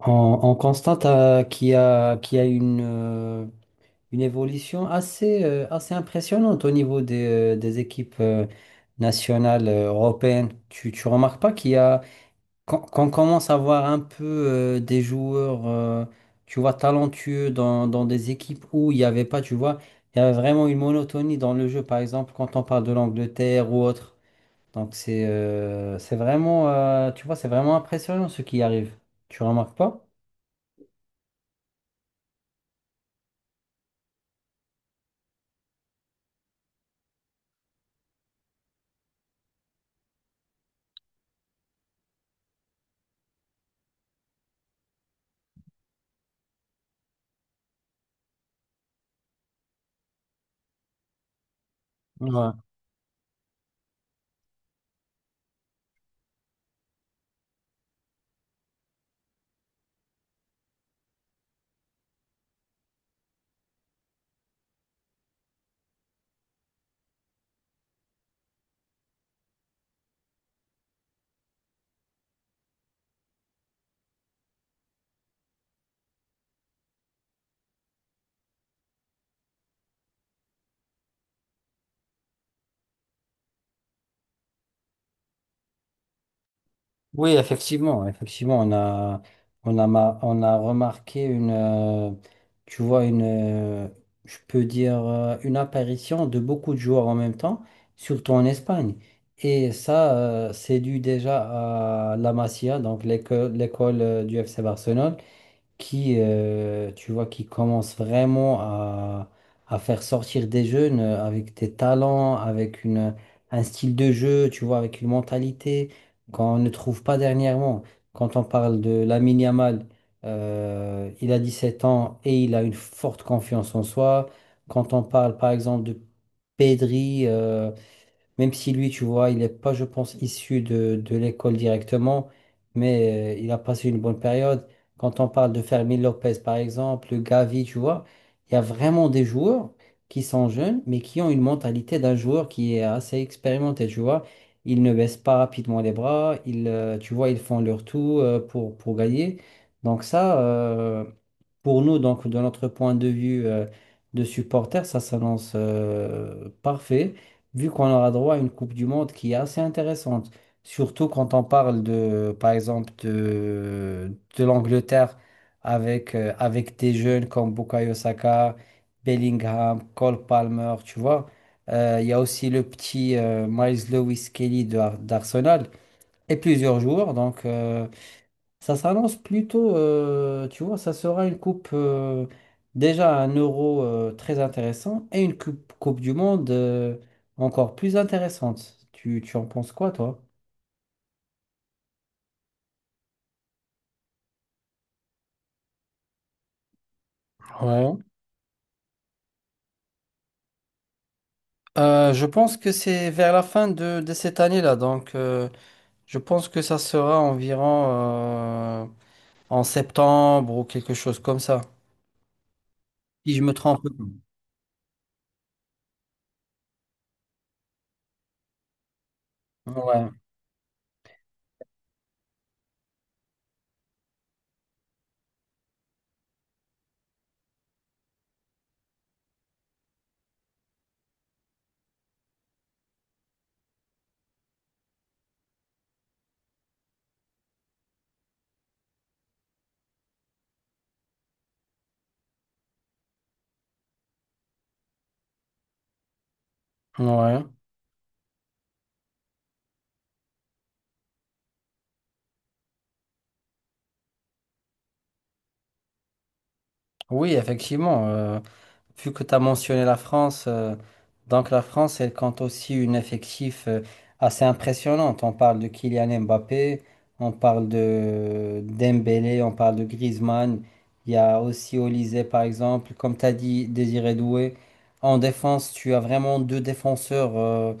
On, on constate qu'il y a une une évolution assez, assez impressionnante au niveau des équipes nationales européennes. Tu remarques pas qu'il y a, qu'on qu'on commence à voir un peu des joueurs, tu vois, talentueux dans des équipes où il n'y avait pas, tu vois, il y avait vraiment une monotonie dans le jeu, par exemple, quand on parle de l'Angleterre ou autre. Donc c'est vraiment, tu vois, c'est vraiment impressionnant ce qui arrive. Tu remarques pas? Ouais, oui, effectivement, effectivement, on a remarqué une, tu vois, je peux dire, une apparition de beaucoup de joueurs en même temps, surtout en Espagne. Et ça, c'est dû déjà à la Masia, donc l'école, du FC Barcelone qui, tu vois, qui commence vraiment à faire sortir des jeunes avec des talents, avec une, un style de jeu, tu vois, avec une mentalité qu'on ne trouve pas dernièrement. Quand on parle de Lamine Yamal, il a 17 ans et il a une forte confiance en soi. Quand on parle, par exemple, de Pedri, même si lui, tu vois, il n'est pas, je pense, issu de l'école directement, mais il a passé une bonne période. Quand on parle de Fermín Lopez, par exemple, Gavi, tu vois, il y a vraiment des joueurs qui sont jeunes, mais qui ont une mentalité d'un joueur qui est assez expérimenté, tu vois. Ils ne baissent pas rapidement les bras, ils, tu vois, ils font leur tout pour gagner. Donc ça, pour nous, donc, de notre point de vue de supporter, ça s'annonce parfait vu qu'on aura droit à une Coupe du Monde qui est assez intéressante, surtout quand on parle de, par exemple, de l'Angleterre avec des jeunes comme Bukayo Saka, Bellingham, Cole Palmer, tu vois. Il y a aussi le petit Miles Lewis Kelly d'Arsenal et plusieurs joueurs. Donc, ça s'annonce plutôt, tu vois, ça sera une coupe déjà un euro très intéressant et une coupe du monde encore plus intéressante. Tu en penses quoi, toi? Ouais. Je pense que c'est vers la fin de cette année-là. Donc, je pense que ça sera environ euh, en septembre ou quelque chose comme ça. Si je me trompe pas. Ouais. Ouais. Oui, effectivement. Vu que tu as mentionné la France, donc la France, elle compte aussi une effectif assez impressionnante. On parle de Kylian Mbappé, on parle de Dembélé, on parle de Griezmann. Il y a aussi Olise, par exemple. Comme tu as dit, Désiré Doué. En défense, tu as vraiment deux défenseurs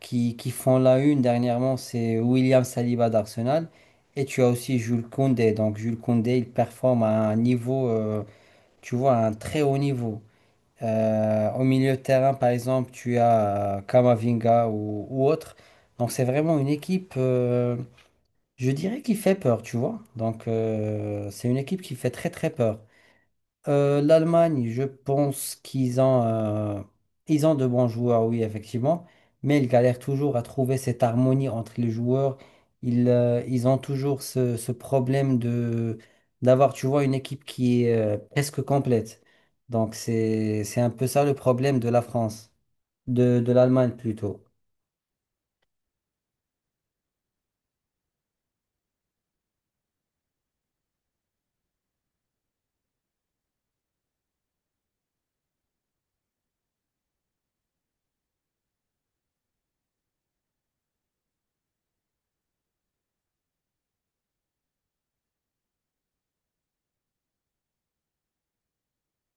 qui font la une. Dernièrement, c'est William Saliba d'Arsenal. Et tu as aussi Jules Koundé. Donc Jules Koundé, il performe à un niveau, tu vois, à un très haut niveau. Au milieu de terrain, par exemple, tu as Kamavinga ou autre. Donc, c'est vraiment une équipe, je dirais, qui fait peur, tu vois. Donc, c'est une équipe qui fait très, très peur. L'Allemagne, je pense qu'ils ont, ils ont de bons joueurs, oui, effectivement, mais ils galèrent toujours à trouver cette harmonie entre les joueurs. Ils, ils ont toujours ce, ce problème de d'avoir, tu vois, une équipe qui est presque complète. Donc c'est un peu ça le problème de la France, de l'Allemagne plutôt.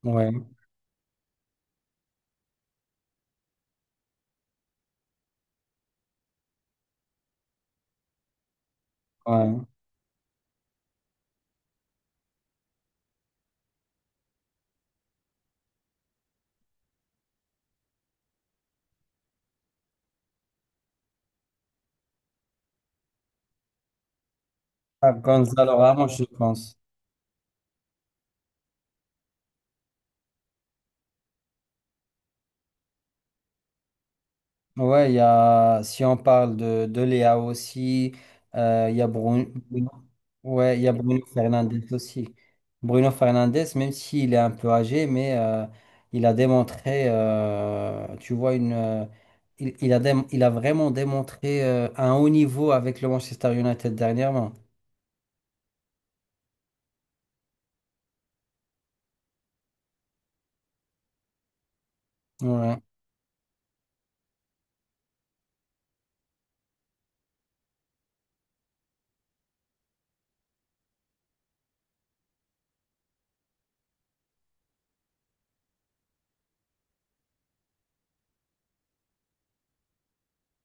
Ouais, ouais. Ah, Gonzalo Ramos, je pense. Ouais, si on parle de Léa aussi, il y a Bruno, Bruno- ouais, il y a Bruno Fernandes aussi. Bruno Fernandes, même s'il est un peu âgé, mais il a démontré, tu vois, une, il a vraiment démontré un haut niveau avec le Manchester United dernièrement. Ouais,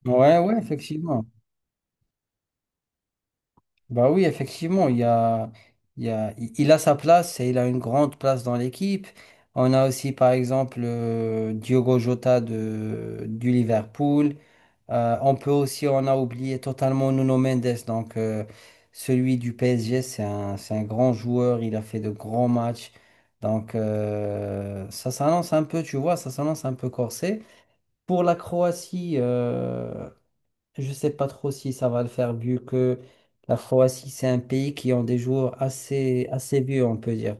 ouais, effectivement. Bah oui, effectivement, il a sa place et il a une grande place dans l'équipe. On a aussi, par exemple, Diogo Jota du Liverpool. On peut aussi, on a oublié totalement Nuno Mendes, donc celui du PSG, c'est un grand joueur, il a fait de grands matchs. Donc ça s'annonce un peu, tu vois, ça s'annonce un peu corsé. Pour la Croatie, je ne sais pas trop si ça va le faire vu que la Croatie, c'est un pays qui ont des joueurs assez, assez vieux, on peut dire.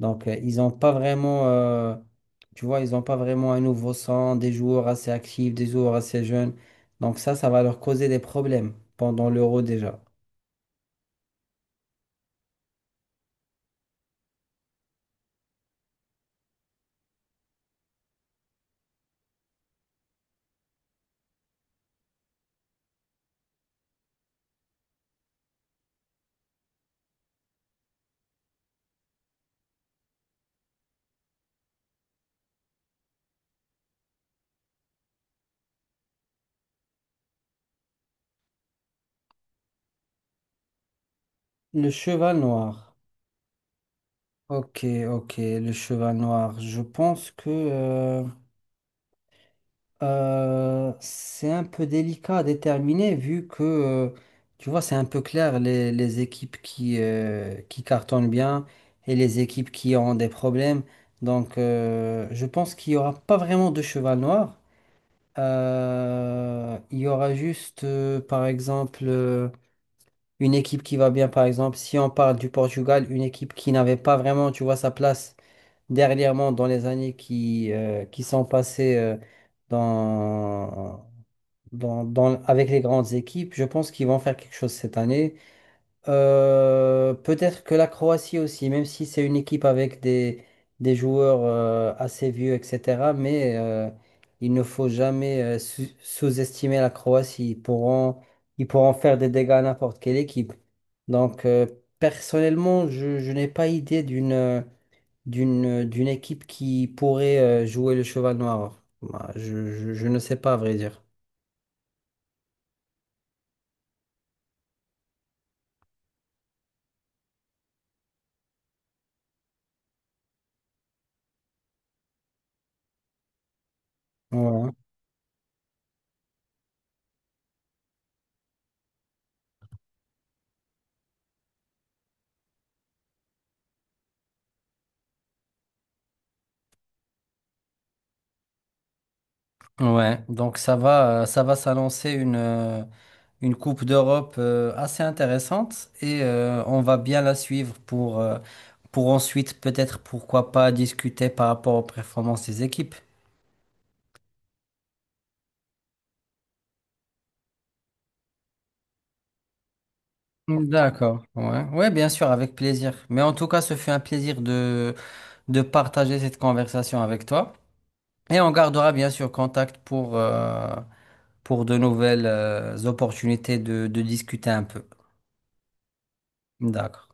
Donc, ils n'ont pas vraiment, tu vois, ils n'ont pas vraiment un nouveau sang, des joueurs assez actifs, des joueurs assez jeunes. Donc ça va leur causer des problèmes pendant l'Euro déjà. Le cheval noir. Ok, ok, le cheval noir. Je pense que... c'est un peu délicat à déterminer vu que, tu vois, c'est un peu clair les équipes qui cartonnent bien et les équipes qui ont des problèmes. Donc, je pense qu'il n'y aura pas vraiment de cheval noir. Il y aura juste, par exemple, une équipe qui va bien. Par exemple, si on parle du Portugal, une équipe qui n'avait pas vraiment, tu vois, sa place dernièrement dans les années qui sont passées. Dans, Avec les grandes équipes. Je pense qu'ils vont faire quelque chose cette année. Peut-être que la Croatie aussi, même si c'est une équipe avec des joueurs assez vieux, etc. Mais il ne faut jamais sous-estimer la Croatie. Ils pourront faire des dégâts à n'importe quelle équipe. Donc, personnellement, je n'ai pas idée d'une, d'une équipe qui pourrait jouer le cheval noir. Bah, je ne sais pas, à vrai dire. Ouais. Ouais, donc ça va s'annoncer une Coupe d'Europe assez intéressante et on va bien la suivre pour, pour ensuite peut-être pourquoi pas discuter par rapport aux performances des équipes. D'accord, ouais, ouais, bien sûr, avec plaisir. Mais en tout cas, ce fut un plaisir de partager cette conversation avec toi. Et on gardera bien sûr contact pour de nouvelles opportunités de discuter un peu. D'accord.